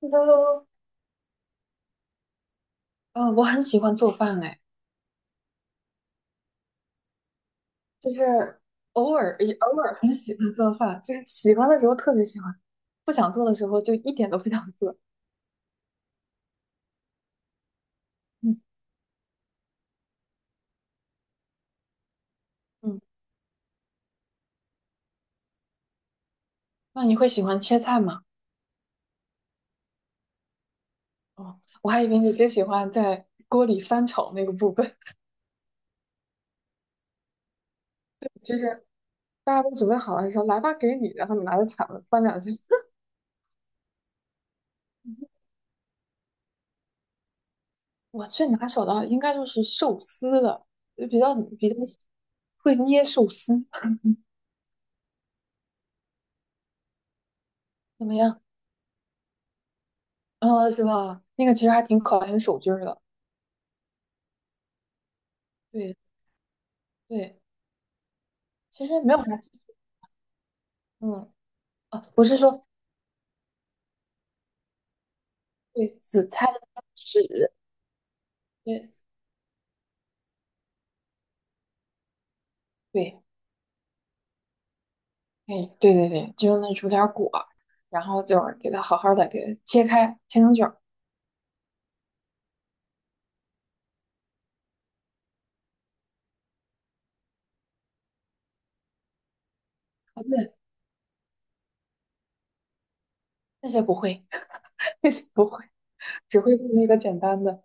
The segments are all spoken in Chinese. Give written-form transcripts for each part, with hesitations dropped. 都，我很喜欢做饭，哎，就是偶尔很喜欢做饭，就是喜欢的时候特别喜欢，不想做的时候就一点都不想做。嗯嗯，那你会喜欢切菜吗？哦，我还以为你只喜欢在锅里翻炒那个部分，就是大家都准备好了说来吧，给你，然后你拿着铲子翻两下。我最拿手的应该就是寿司了，就比较会捏寿司，怎么样？啊，是吧？那个其实还挺考验手劲儿的。对，对其实没有啥，技术，嗯，啊，不是说对紫菜的那个籽，对对，哎，对对对，就用那煮点儿果，然后就是给它好好的给它切开，切成卷儿。啊，对，那些不会，那些不会，只会做那个简单的。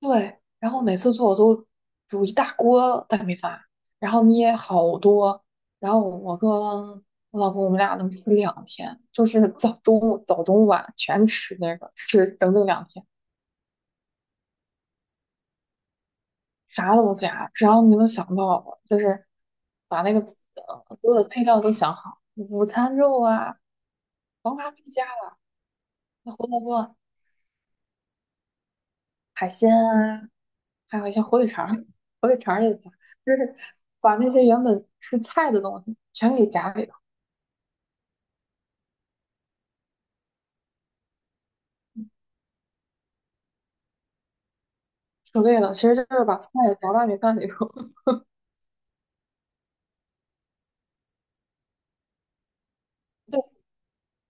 对，然后每次做我都煮一大锅大米饭，然后捏好多，然后我跟我老公我们俩能吃两天，就是早中晚全吃那个，吃整整两天。啥都加，只要你能想到的，就是把那个所有的配料都想好，午餐肉啊，黄瓜必加了，那胡萝卜、海鲜啊，还有一些火腿肠儿 火腿肠儿也加，就是把那些原本是菜的东西全给夹里头，省略了，其实就是把菜夹到米饭里头，对，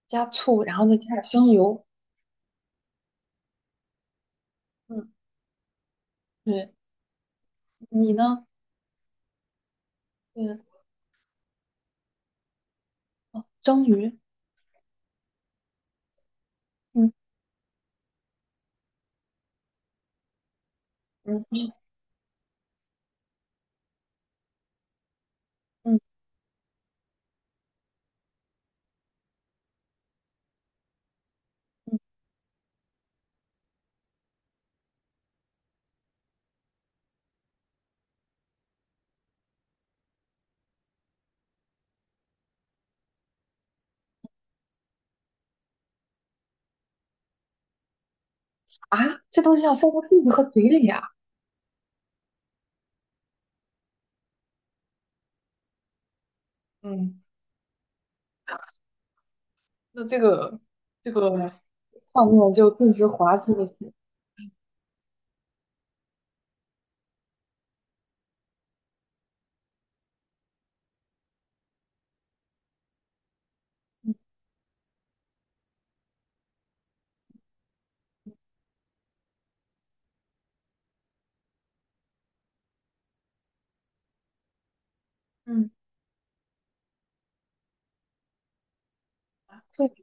加醋，然后再加点香油，嗯，对，你呢？嗯，蒸鱼，嗯嗯嗯嗯，啊，这东西要塞到肚子和嘴里呀，嗯。那这个画面就顿时滑稽了些。嗯嗯，所以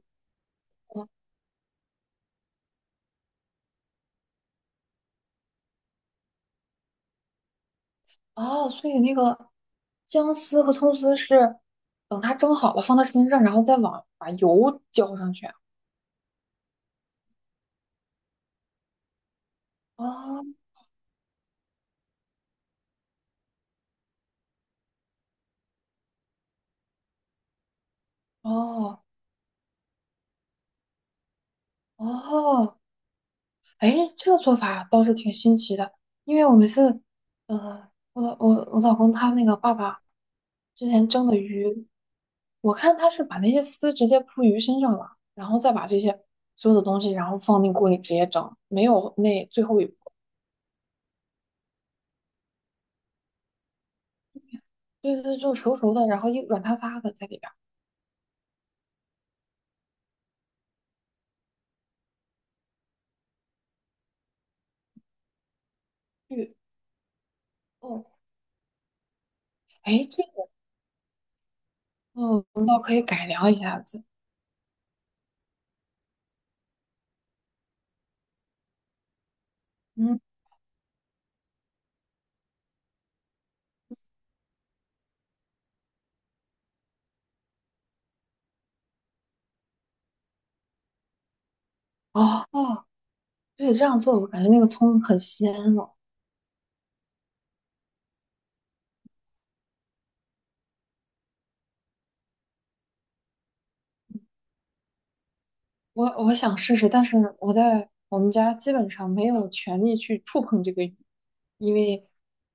哦，所以那个姜丝和葱丝是等它蒸好了放到身上，然后再往把油浇上去啊哦哦哦，哎，这个做法倒是挺新奇的，因为我们是，嗯呃，我老我我老公他那个爸爸之前蒸的鱼，我看他是把那些丝直接铺鱼身上了，然后再把这些所有的东西，然后放进锅里直接蒸，没有那最后一步，对，就是熟熟的，然后一软塌塌的在里边儿。对哦，哎，哦可以改良一下子，嗯，哦，对，这样做我感觉那个葱很鲜了。我想试试，但是我在我们家基本上没有权利去触碰这个鱼，因为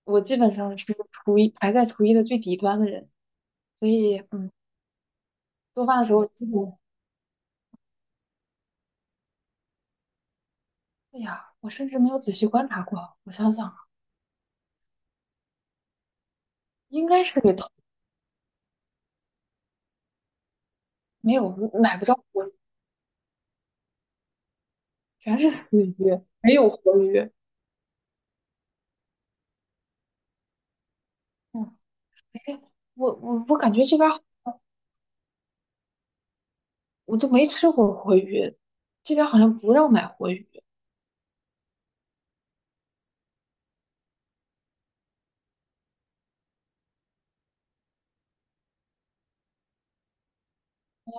我基本上是厨艺的最底端的人，所以嗯，做饭的时候基本，哎呀，我甚至没有仔细观察过。我想想啊，应该是给头没有买不着活鱼，全是死鱼，没有活鱼。嗯，哎，我我感觉这边儿我都没吃过活鱼，这边好像不让买活鱼。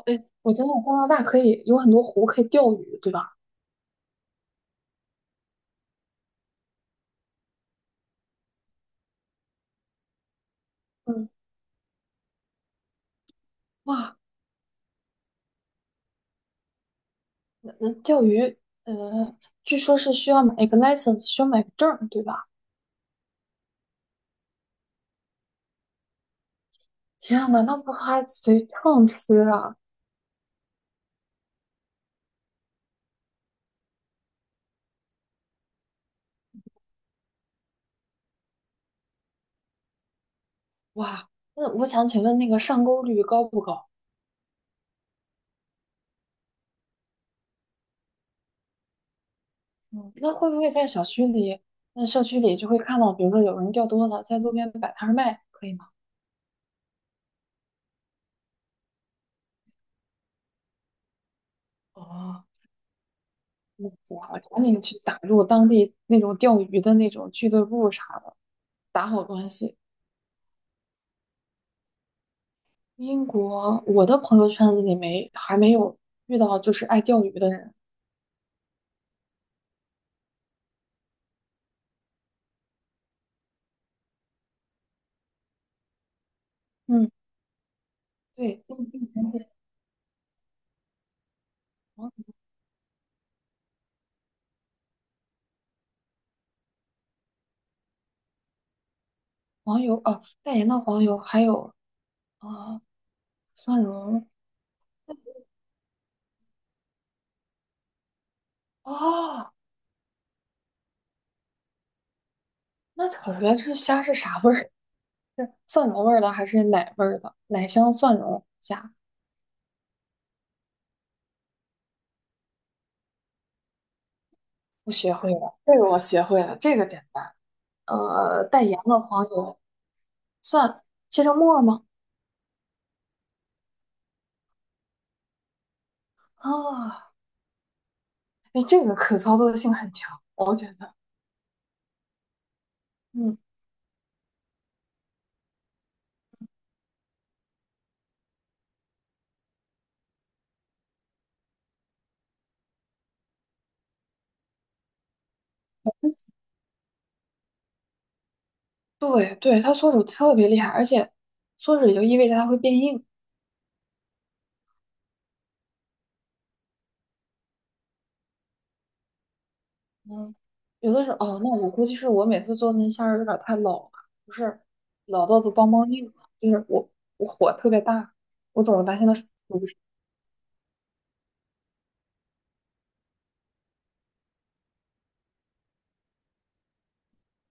哎我真的加拿大可以有很多湖可以钓鱼，对吧？嗯，哇，那钓鱼，呃，据说是需要买一个 license,需要买个证儿对吧？天呐，那不还随秤吃啊？哇，那我想请问那个上钩率高不高？嗯，那会不会在小区里，那社区里就会看到，比如说有人钓多了，在路边摆摊儿卖，可以吗？哦，那我赶紧去打入当地那种钓鱼的那种俱乐部啥的，打好关系。英国，我的朋友圈子里没还没有遇到就是爱钓鱼的人。嗯。对，那个地黄黄油哦，带盐的黄油还有啊、蒜蓉哦，那可能这虾是啥味儿？是蒜蓉味儿的还是奶味儿的？奶香蒜蓉虾，我学会了，这个我学会了，这个简单。带盐的黄油蒜切成末儿吗？啊、哎，这个可操作性很强，我觉得，嗯，对对，它缩水特别厉害，而且缩水就意味着它会变硬，嗯，有的时候哦，那我估计是我每次做那虾仁儿有点儿太老了，不是老到都梆梆硬了，就是我火特别大，我总是拿现在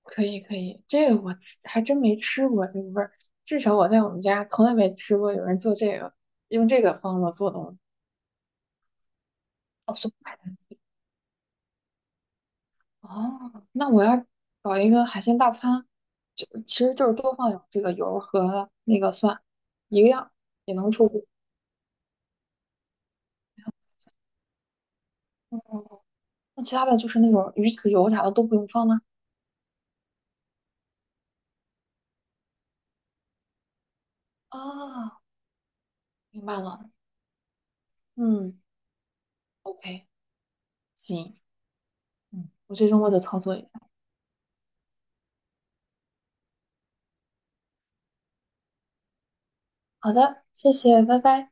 可以可以，这个我吃还真没吃过这个味儿，至少我在我们家从来没吃过有人做用这个方子做东西。哦，松派的哦，那我要搞一个海鲜大餐，就其实就是多放点儿这个油儿和那个蒜，一个样也能出锅。那其他的就是那种鱼籽油啥的都不用放呢。那哦，明白了，嗯，OK,行，嗯，我这周末就操作一下。好的，谢谢，拜拜。